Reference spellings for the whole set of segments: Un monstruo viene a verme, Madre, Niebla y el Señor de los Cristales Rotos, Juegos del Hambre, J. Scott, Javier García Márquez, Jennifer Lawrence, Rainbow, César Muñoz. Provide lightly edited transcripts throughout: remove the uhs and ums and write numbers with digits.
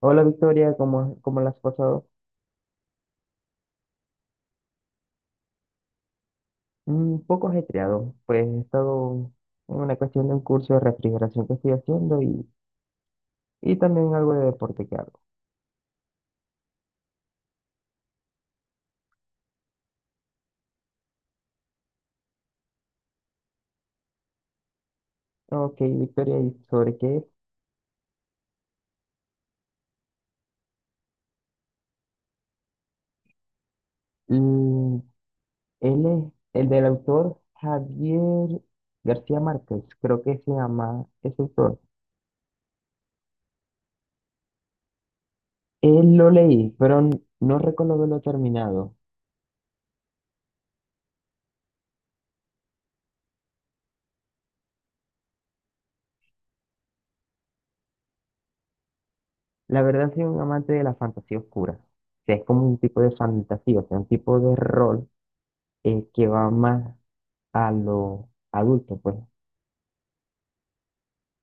Hola Victoria, ¿cómo la has pasado? Un poco ajetreado, pues he estado en una cuestión de un curso de refrigeración que estoy haciendo y también algo de deporte que hago. Ok, Victoria, ¿y sobre qué es? Mm, Él es el del autor Javier García Márquez, creo que se llama ese autor. Él lo leí, pero no recuerdo haberlo terminado. La verdad soy un amante de la fantasía oscura. O sea, es como un tipo de fantasía, o sea, un tipo de rol que va más a los adultos, pues.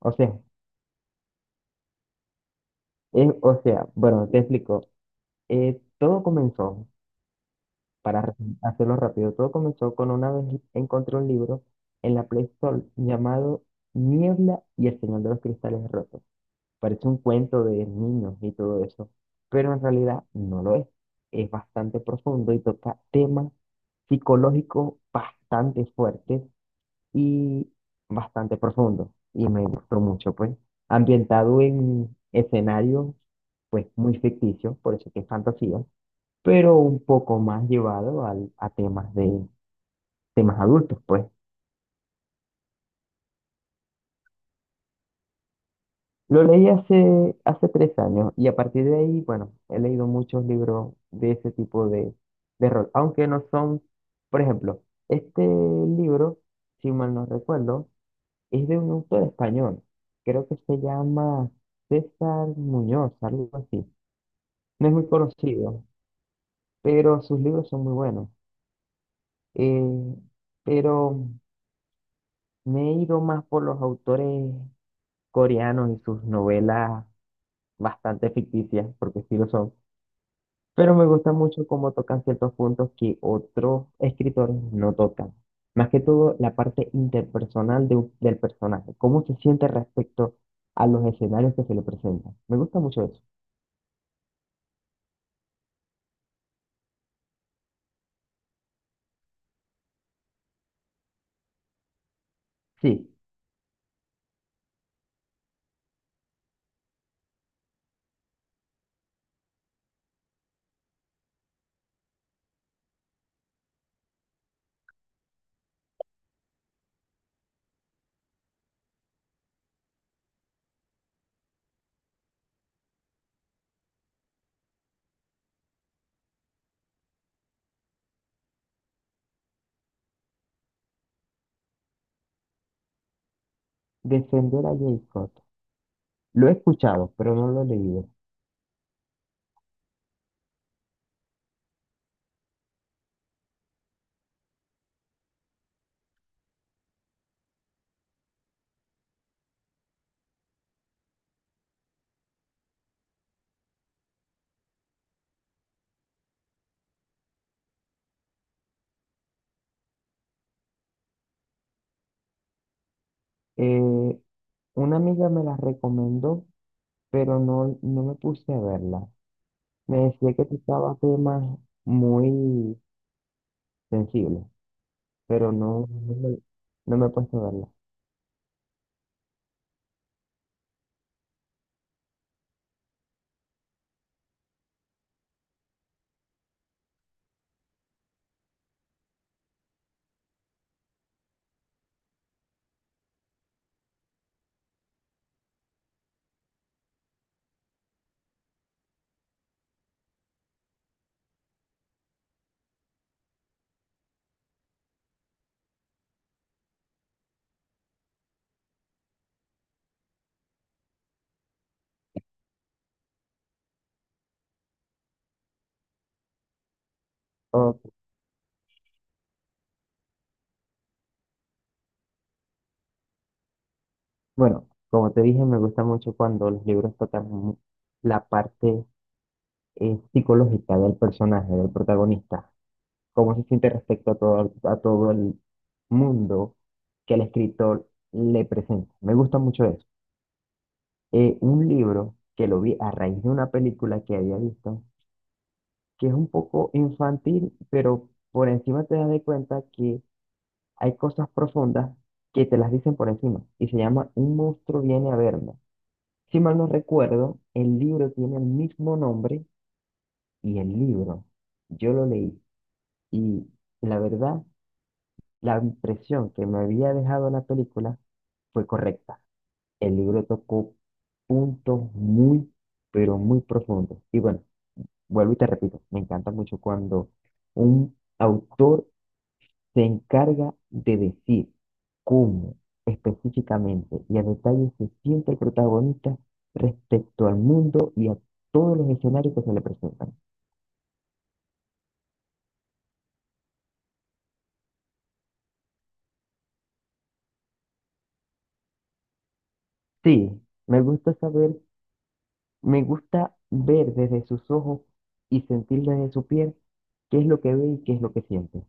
O sea, o sea, bueno, te explico. Todo comenzó, para hacerlo rápido, todo comenzó con una vez encontré un libro en la Play Store llamado Niebla y el Señor de los Cristales Rotos. Parece un cuento de niños y todo eso, pero en realidad no lo es. Es bastante profundo y toca temas psicológicos bastante fuertes y bastante profundo y me gustó mucho, pues, ambientado en escenario, pues, muy ficticio, por eso que es fantasía, pero un poco más llevado a temas de temas adultos, pues. Lo leí hace 3 años y a partir de ahí, bueno, he leído muchos libros de ese tipo de rol, aunque no son, por ejemplo, este libro, si mal no recuerdo, es de un autor español. Creo que se llama César Muñoz, algo así. No es muy conocido, pero sus libros son muy buenos. Eh, pero me he ido más por los autores coreanos y sus novelas bastante ficticias, porque sí lo son. Pero me gusta mucho cómo tocan ciertos puntos que otros escritores no tocan. Más que todo, la parte interpersonal de del personaje, cómo se siente respecto a los escenarios que se le presentan. Me gusta mucho eso. Sí, defender a J. Scott. Lo he escuchado, pero no lo he leído. Eh, una amiga me la recomendó, pero no, no me puse a verla. Me decía que tocaba temas muy sensibles, pero no, no me he puesto a verla. Bueno, como te dije, me gusta mucho cuando los libros tocan la parte psicológica del personaje, del protagonista, cómo se siente respecto a todo el mundo que el escritor le presenta. Me gusta mucho eso. Un libro que lo vi a raíz de una película que había visto, que es un poco infantil, pero por encima te das de cuenta que hay cosas profundas que te las dicen por encima, y se llama Un monstruo viene a verme. Si mal no recuerdo, el libro tiene el mismo nombre y el libro. Yo lo leí y la verdad, la impresión que me había dejado la película fue correcta. El libro tocó puntos muy, pero muy profundos. Y bueno, vuelvo y te repito, me encanta mucho cuando un autor se encarga de decir cómo específicamente y a detalle se siente el protagonista respecto al mundo y a todos los escenarios que se le presentan. Sí, me gusta saber, me gusta ver desde sus ojos y sentir desde su piel qué es lo que ve y qué es lo que siente.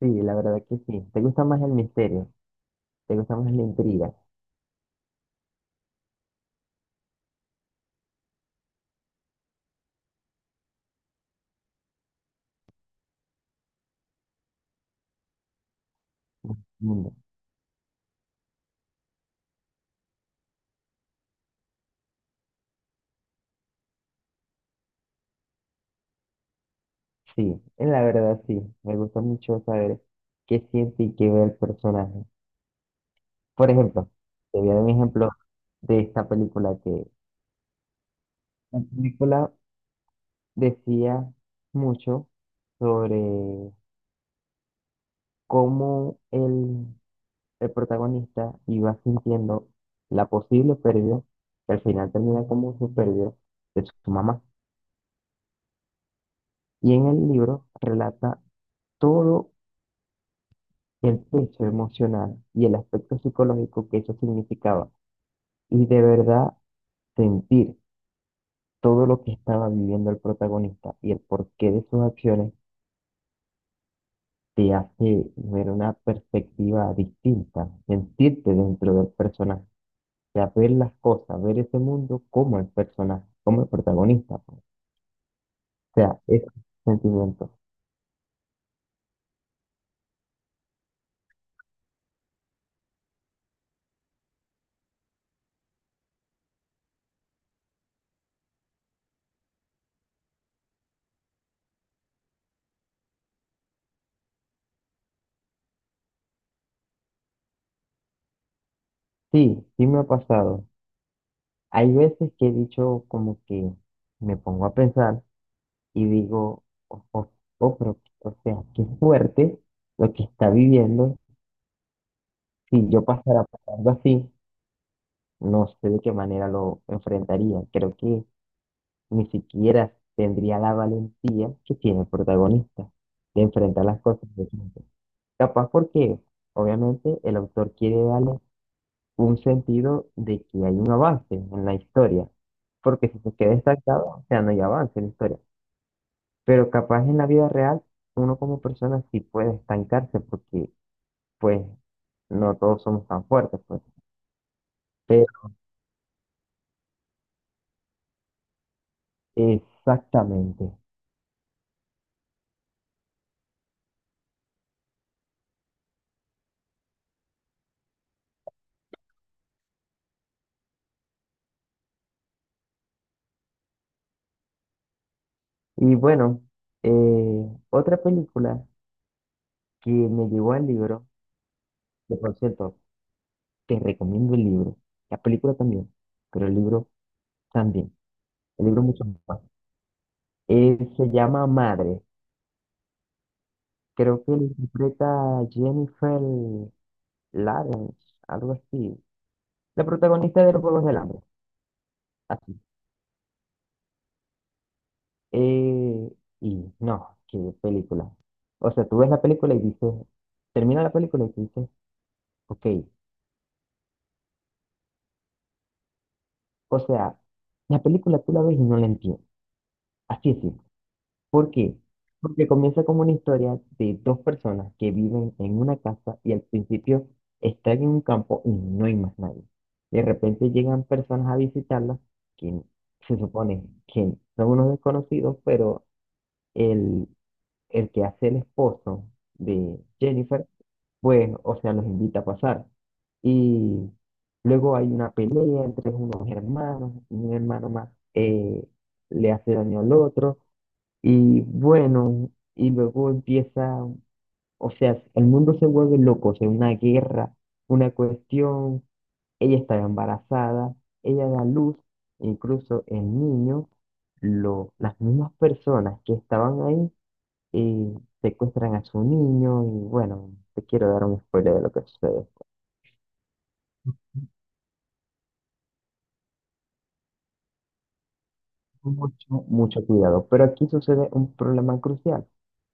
Sí, la verdad que sí. Te gusta más el misterio, te gusta más la intriga. Mm, sí, la verdad sí. Me gusta mucho saber qué siente y qué ve el personaje. Por ejemplo, te voy a dar un ejemplo de esta película que la película decía mucho sobre cómo el protagonista iba sintiendo la posible pérdida, que al final termina como su pérdida de su mamá. Y en el libro relata todo el peso emocional y el aspecto psicológico que eso significaba y de verdad sentir todo lo que estaba viviendo el protagonista y el porqué de sus acciones te hace ver una perspectiva distinta, sentirte dentro del personaje, o sea, ver las cosas, ver ese mundo como el personaje, como el protagonista, pues. O sea, ese sentimiento. Sí, sí me ha pasado. Hay veces que he dicho como que me pongo a pensar y digo, oh, oh, oh, pero, o sea, qué fuerte lo que está viviendo. Si yo pasara por algo así, no sé de qué manera lo enfrentaría. Creo que ni siquiera tendría la valentía que tiene el protagonista de enfrentar las cosas de frente. Capaz porque, obviamente, el autor quiere darle un sentido de que hay un avance en la historia, porque si se queda estancado, o sea, no hay avance en la historia. Pero capaz en la vida real, uno como persona sí puede estancarse porque, pues, no todos somos tan fuertes, pues. Pero, exactamente. Y bueno, otra película que me llevó al libro. Que por cierto, te recomiendo el libro. La película también, pero el libro también. El libro mucho más. Se llama Madre. Creo que lo interpreta Jennifer Lawrence, algo así. La protagonista de los Juegos del Hambre. Así. Eh, y no, qué película. O sea, tú ves la película y dices, termina la película y tú dices, ok. O sea, la película tú la ves y no la entiendes. Así es. ¿Por qué? Porque comienza como una historia de dos personas que viven en una casa y al principio están en un campo y no hay más nadie. De repente llegan personas a visitarlas que se supone que son unos desconocidos, pero el, el que hace el esposo de Jennifer, pues, o sea, los invita a pasar. Y luego hay una pelea entre unos hermanos, un hermano más eh, le hace daño al otro. Y bueno, y luego empieza, o sea, el mundo se vuelve loco, o sea, una guerra, una cuestión, ella está embarazada, ella da luz, incluso el niño, lo, las mismas personas que estaban ahí eh, secuestran a su niño y bueno, te quiero dar un spoiler de lo que sucede. Mucho, mucho cuidado, pero aquí sucede un problema crucial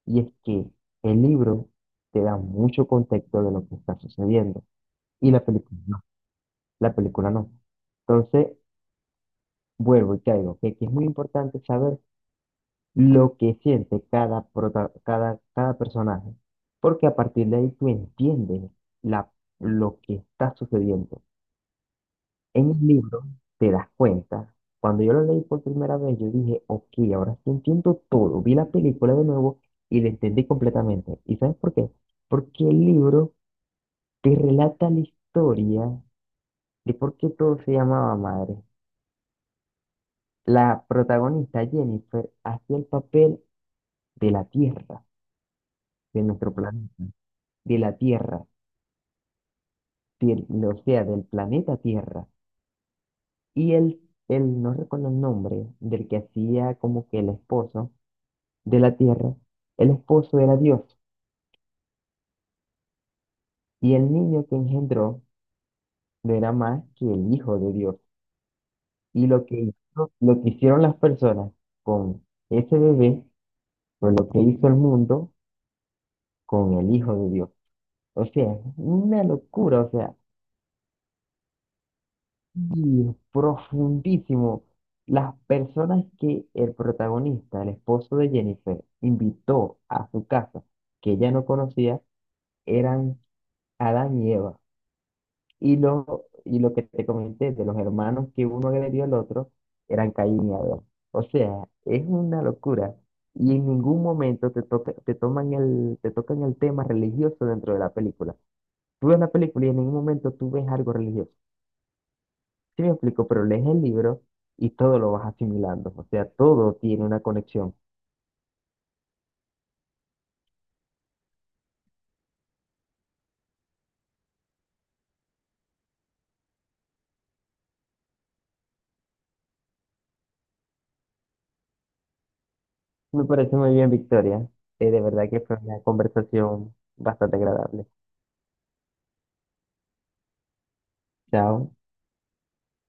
y es que el libro te da mucho contexto de lo que está sucediendo. Y la película no, la película no. Entonces, vuelvo y caigo, que aquí es muy importante saber lo que siente cada personaje, porque a partir de ahí tú entiendes la, lo que está sucediendo. En el libro te das cuenta, cuando yo lo leí por primera vez, yo dije, ok, ahora sí entiendo todo. Vi la película de nuevo y la entendí completamente. ¿Y sabes por qué? Porque el libro te relata la historia de por qué todo se llamaba madre. La protagonista Jennifer hacía el papel de la Tierra, de nuestro planeta, de la Tierra, o sea, del planeta Tierra. Y él, no recuerdo el nombre del que hacía como que el esposo de la Tierra, el esposo era Dios. Y el niño que engendró no era más que el hijo de Dios. Y lo que lo que hicieron las personas con ese bebé fue lo que hizo el mundo con el hijo de Dios. O sea, es una locura, o sea. Y profundísimo. Las personas que el protagonista, el esposo de Jennifer, invitó a su casa, que ella no conocía, eran Adán y Eva. Y lo que te comenté de los hermanos que uno agredió al otro, eran Caín y Abel. O sea, es una locura. Y en ningún momento te tocan el tema religioso dentro de la película. Tú ves la película y en ningún momento tú ves algo religioso. Sí me explico, pero lees el libro y todo lo vas asimilando, o sea, todo tiene una conexión. Me parece muy bien, Victoria. De verdad que fue una conversación bastante agradable. Chao.